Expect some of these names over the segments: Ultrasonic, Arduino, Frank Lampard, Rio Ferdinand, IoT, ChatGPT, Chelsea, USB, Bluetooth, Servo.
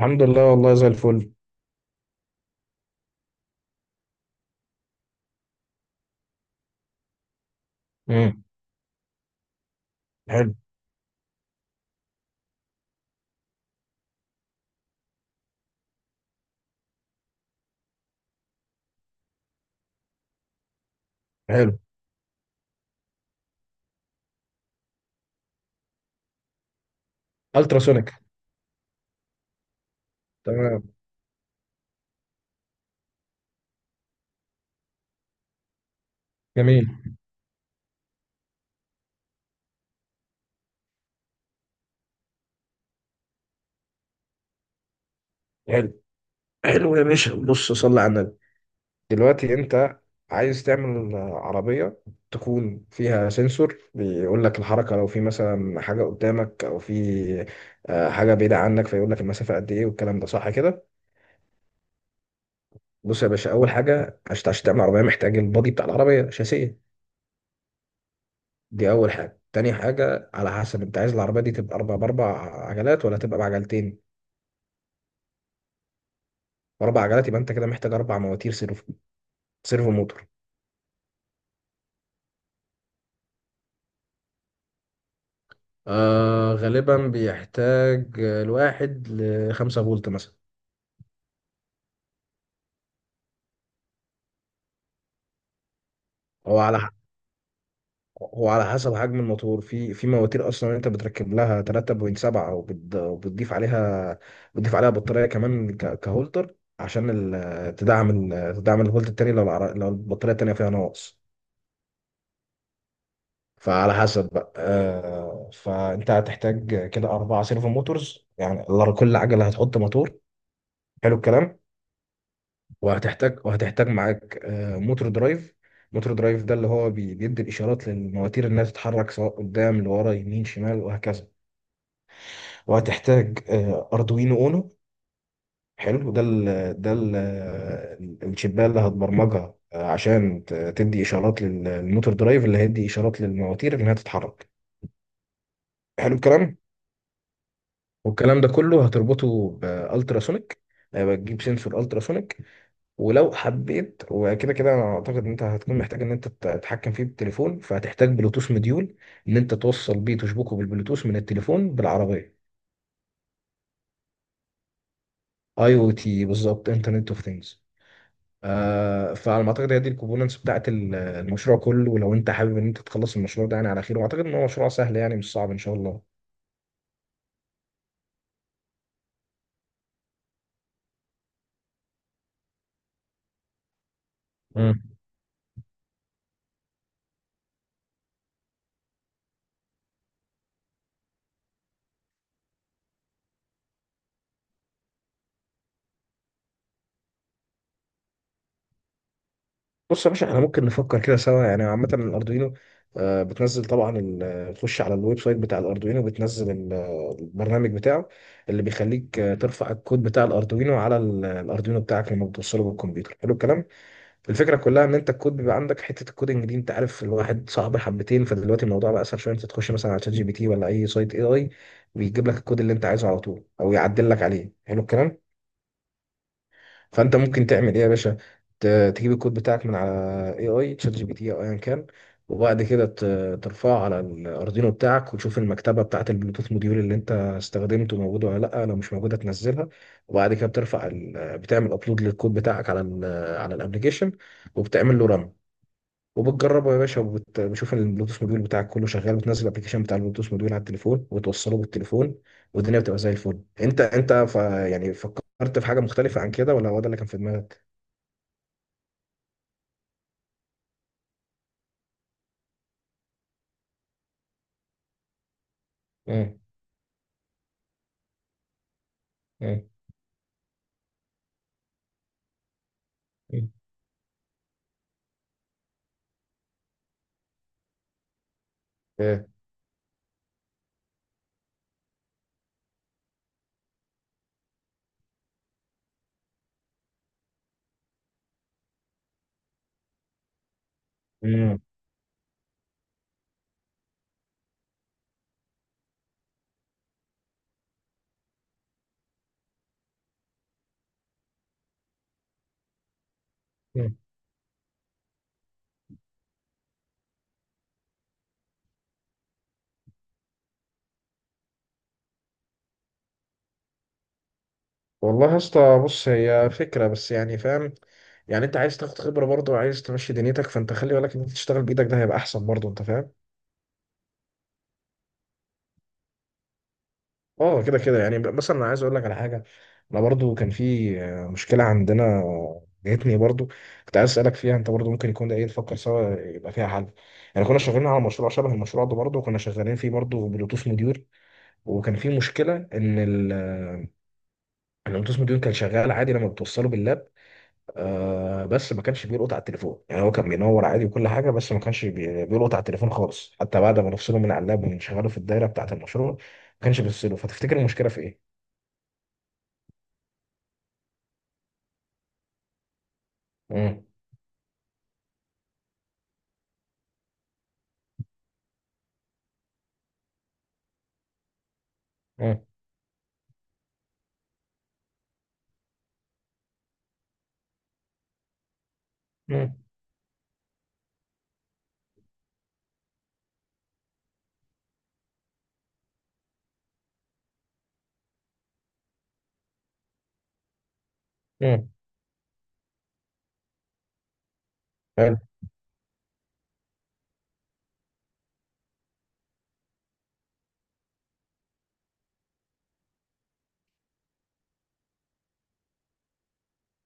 الحمد لله، والله زي الفل. امم. حلو. حلو. التراسونيك. تمام. جميل. حلو. حلو يا باشا، بص صلي على النبي. دلوقتي انت عايز تعمل عربية تكون فيها سنسور بيقول لك الحركة، لو في مثلا حاجة قدامك او في حاجة بعيدة عنك، فيقول لك المسافة قد ايه، والكلام ده صح كده؟ بص يا باشا، اول حاجة عشان تعمل عربية محتاج البادي بتاع العربية، شاسية. دي اول حاجة. تاني حاجة، على حسب انت عايز العربية دي تبقى اربع باربع عجلات ولا تبقى بعجلتين. اربع عجلات، يبقى انت كده محتاج اربع مواتير سيرفو، سيرفو موتور. آه غالبا بيحتاج الواحد لخمسة فولت مثلا. هو على ح- هو على حسب حجم الموتور. في مواتير اصلا انت بتركب لها 3.7، وبتضيف عليها بطاريه كمان كهولتر، عشان تدعم تدعم الفولت التاني، لو لو البطاريه التانيه فيها ناقص. فعلى حسب بقى، فانت هتحتاج كده اربع سيرفو موتورز. يعني كل عجله هتحط موتور. حلو الكلام. وهتحتاج معاك موتور درايف. موتور درايف ده اللي هو بيدي الاشارات للمواتير انها تتحرك، سواء قدام لورا يمين شمال وهكذا. وهتحتاج اردوينو اونو. حلو. ده ال الشبايه اللي هتبرمجها عشان تدي اشارات للموتور درايف اللي هيدي اشارات للمواتير انها تتحرك. حلو الكلام. والكلام ده كله هتربطه بالتراسونيك. هيبقى تجيب سنسور التراسونيك. ولو حبيت وكده كده، انا اعتقد ان انت هتكون محتاج ان انت تتحكم فيه بالتليفون، فهتحتاج بلوتوث مديول، ان انت توصل بيه تشبكه بالبلوتوث من التليفون بالعربيه. اي او تي بالظبط، انترنت اوف ثينجز. آه، فعلى ما اعتقد هي دي الكومبوننتس بتاعت المشروع كله. ولو انت حابب ان انت تخلص المشروع ده يعني على خير، واعتقد ان هو مشروع سهل يعني، مش صعب ان شاء الله. بص يا باشا، احنا ممكن نفكر كده سوا. يعني عامة الأردوينو، بتنزل طبعا تخش على الويب سايت بتاع الأردوينو، بتنزل البرنامج بتاعه، اللي بيخليك ترفع الكود بتاع الأردوينو على الأردوينو بتاعك لما بتوصله بالكمبيوتر. حلو الكلام. الفكرة كلها إن أنت الكود بيبقى عندك، حتة الكودنج دي أنت عارف الواحد صعب حبتين، فدلوقتي الموضوع بقى أسهل شوية. أنت تخش مثلا على شات جي بي تي ولا أي سايت اي اي، بيجيب لك الكود اللي أنت عايزه على طول أو يعدل لك عليه. حلو الكلام. فانت ممكن تعمل ايه يا باشا؟ ت- تجيب الكود بتاعك من على اي اي شات جي بي تي او ايا كان، وبعد كده ترفعه على الاردينو بتاعك، وتشوف المكتبه بتاعه البلوتوث موديول اللي انت استخدمته موجوده ولا لا. لو مش موجوده تنزلها. وبعد كده بتعمل ابلود للكود بتاعك على الابلكيشن، وبتعمل له رن، وبتجربه يا باشا. وبشوف البلوتوث موديول بتاعك كله شغال، بتنزل الابلكيشن بتاع البلوتوث موديول على التليفون، وتوصله بالتليفون، والدنيا بتبقى زي الفل. يعني فكرت في حاجه مختلفه عن كده، ولا هو ده اللي كان في دماغك؟ مم. مم. مم. إيه. مم. مم. والله يا اسطى، بص هي فكره بس يعني فاهم. يعني انت عايز تاخد خبره برضه، وعايز تمشي دنيتك، فانت خلي بالك ان انت تشتغل بايدك، ده هيبقى احسن برضه. انت فاهم؟ اه، كده كده يعني مثلا انا عايز اقول لك على حاجه. انا برضو كان في مشكله عندنا، جاتني برضو، كنت عايز اسالك فيها انت برضو. ممكن يكون ده ايه، نفكر سوا يبقى فيها حل. يعني كنا شغالين على مشروع شبه المشروع ده برضو، وكنا شغالين فيه برضو بلوتوث موديول. وكان في مشكله ان ال آه، إن البلوتوث موديول كان شغال عادي لما بتوصله باللاب، آه بس ما كانش بيلقط على التليفون. يعني هو كان بينور عادي وكل حاجه، بس ما كانش بيلقط على التليفون خالص، حتى بعد ما نفصله من على اللاب ونشغله في الدايره بتاعه المشروع، ما كانش بيفصله. فتفتكر المشكله في ايه؟ مم. مم. مم. مم. حلو.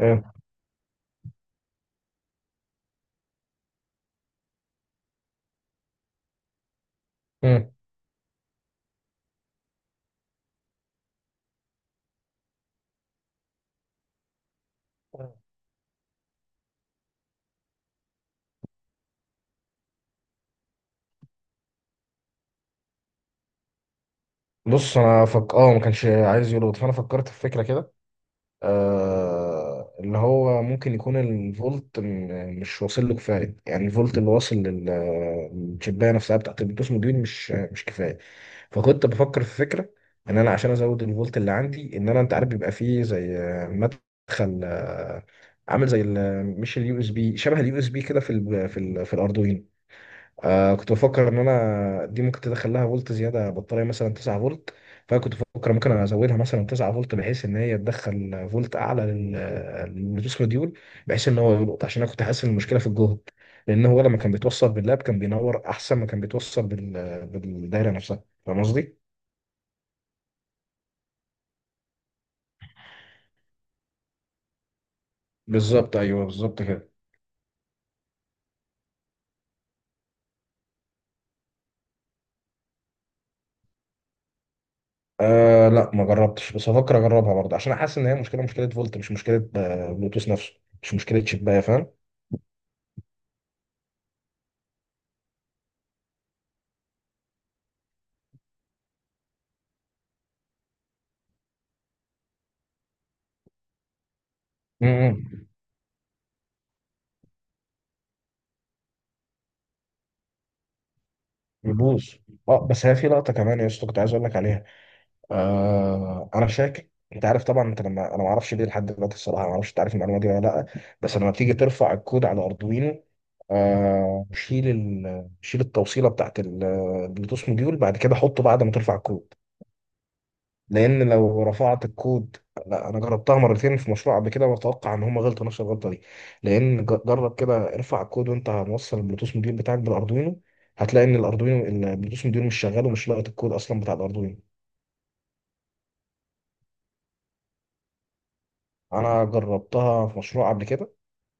مم. مم. بص انا فك، اه ما كانش عايز يربط، فانا فكرت في فكره كده. آه، اللي هو ممكن يكون الفولت مش واصل له كفايه، يعني الفولت اللي واصل للشبايه نفسها بتاعت البلوتوث دي مش كفايه. فكنت بفكر في فكره ان انا عشان ازود الفولت اللي عندي، ان انا انت عارف بيبقى فيه زي مدخل عامل زي مش اليو اس بي، شبه اليو اس بي كده في ال في ال في الاردوينو. آه، كنت بفكر ان انا دي ممكن تدخل لها فولت زياده بطاريه مثلا 9 فولت. فكنت بفكر ممكن ازودها مثلا 9 فولت، بحيث ان هي تدخل فولت اعلى للبلوتوث موديول، بحيث ان هو يلقط، عشان انا كنت حاسس ان المشكله في الجهد. لان هو لما كان بيتوصل باللاب كان بينور احسن ما كان بيتوصل بالدايره نفسها. فاهم قصدي؟ بالظبط ايوه، بالظبط كده. آه لا ما جربتش، بس هفكر اجربها برضه، عشان حاسس ان هي مشكله، مشكله فولت، مش مشكله بلوتوث نفسه، مش مشكله شبايه. فاهم؟ امم. يبوظ. اه، بس هي في لقطه كمان يا اسطى كنت عايز اقول لك عليها. آه، انا شاكك. انت عارف طبعا، انت لما انا ما اعرفش ليه لحد دلوقتي الصراحه، ما اعرفش انت عارف المعلومه دي ولا لا، بس لما بتيجي ترفع الكود على اردوينو، آه شيل شيل التوصيله بتاعت البلوتوث موديول، بعد كده حطه بعد ما ترفع الكود. لان لو رفعت الكود، لا انا جربتها مرتين في مشروع قبل كده، واتوقع ان هم غلطوا نفس الغلطه دي. لان جرب كده، ارفع الكود وانت موصل البلوتوث موديول بتاعك بالاردوينو، هتلاقي ان الاردوينو، البلوتوث موديول مش شغال ومش لاقط الكود اصلا بتاع الاردوينو. انا جربتها في مشروع قبل كده،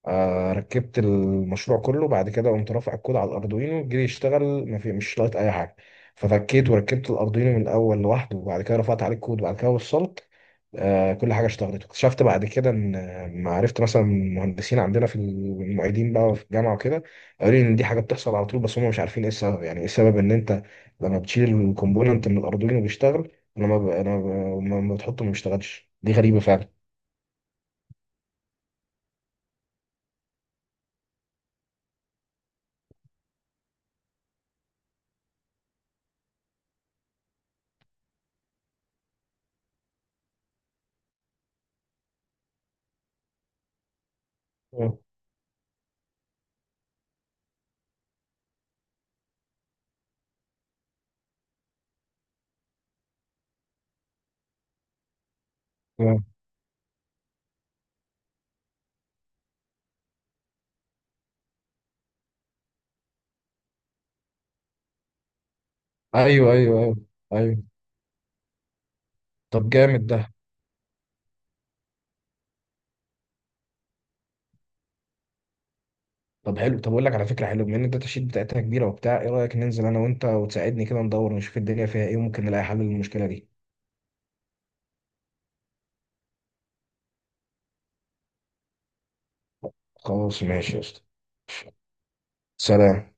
آه ركبت المشروع كله، بعد كده قمت رافع الكود على الاردوينو، جه يشتغل ما في، مش لاقط اي حاجه. ففكيت وركبت الاردوينو من الاول لوحده، وبعد كده رفعت عليه الكود، وبعد كده وصلت كل حاجه، اشتغلت. واكتشفت بعد كده ان ما عرفت مثلا مهندسين عندنا في المعيدين بقى وفي الجامعه وكده، قالوا لي ان دي حاجه بتحصل على طول، بس هم مش عارفين ايه السبب. يعني ايه السبب ان انت لما بتشيل الكومبوننت من الاردوين وبيشتغل، لما لما بتحطه ما بيشتغلش. دي غريبه فعلا. آه، آه. ايوه ايوه ايوه. ايوه. طب جامد ده. طب حلو، طب اقول لك على فكره حلوه، بما ان الداتا شيت بتاعتنا كبيره وبتاع ايه، رايك ننزل انا وانت وتساعدني كده، ندور ونشوف الدنيا فيها ايه، وممكن نلاقي حل للمشكله دي. خلاص ماشي يا اسطى. سلام.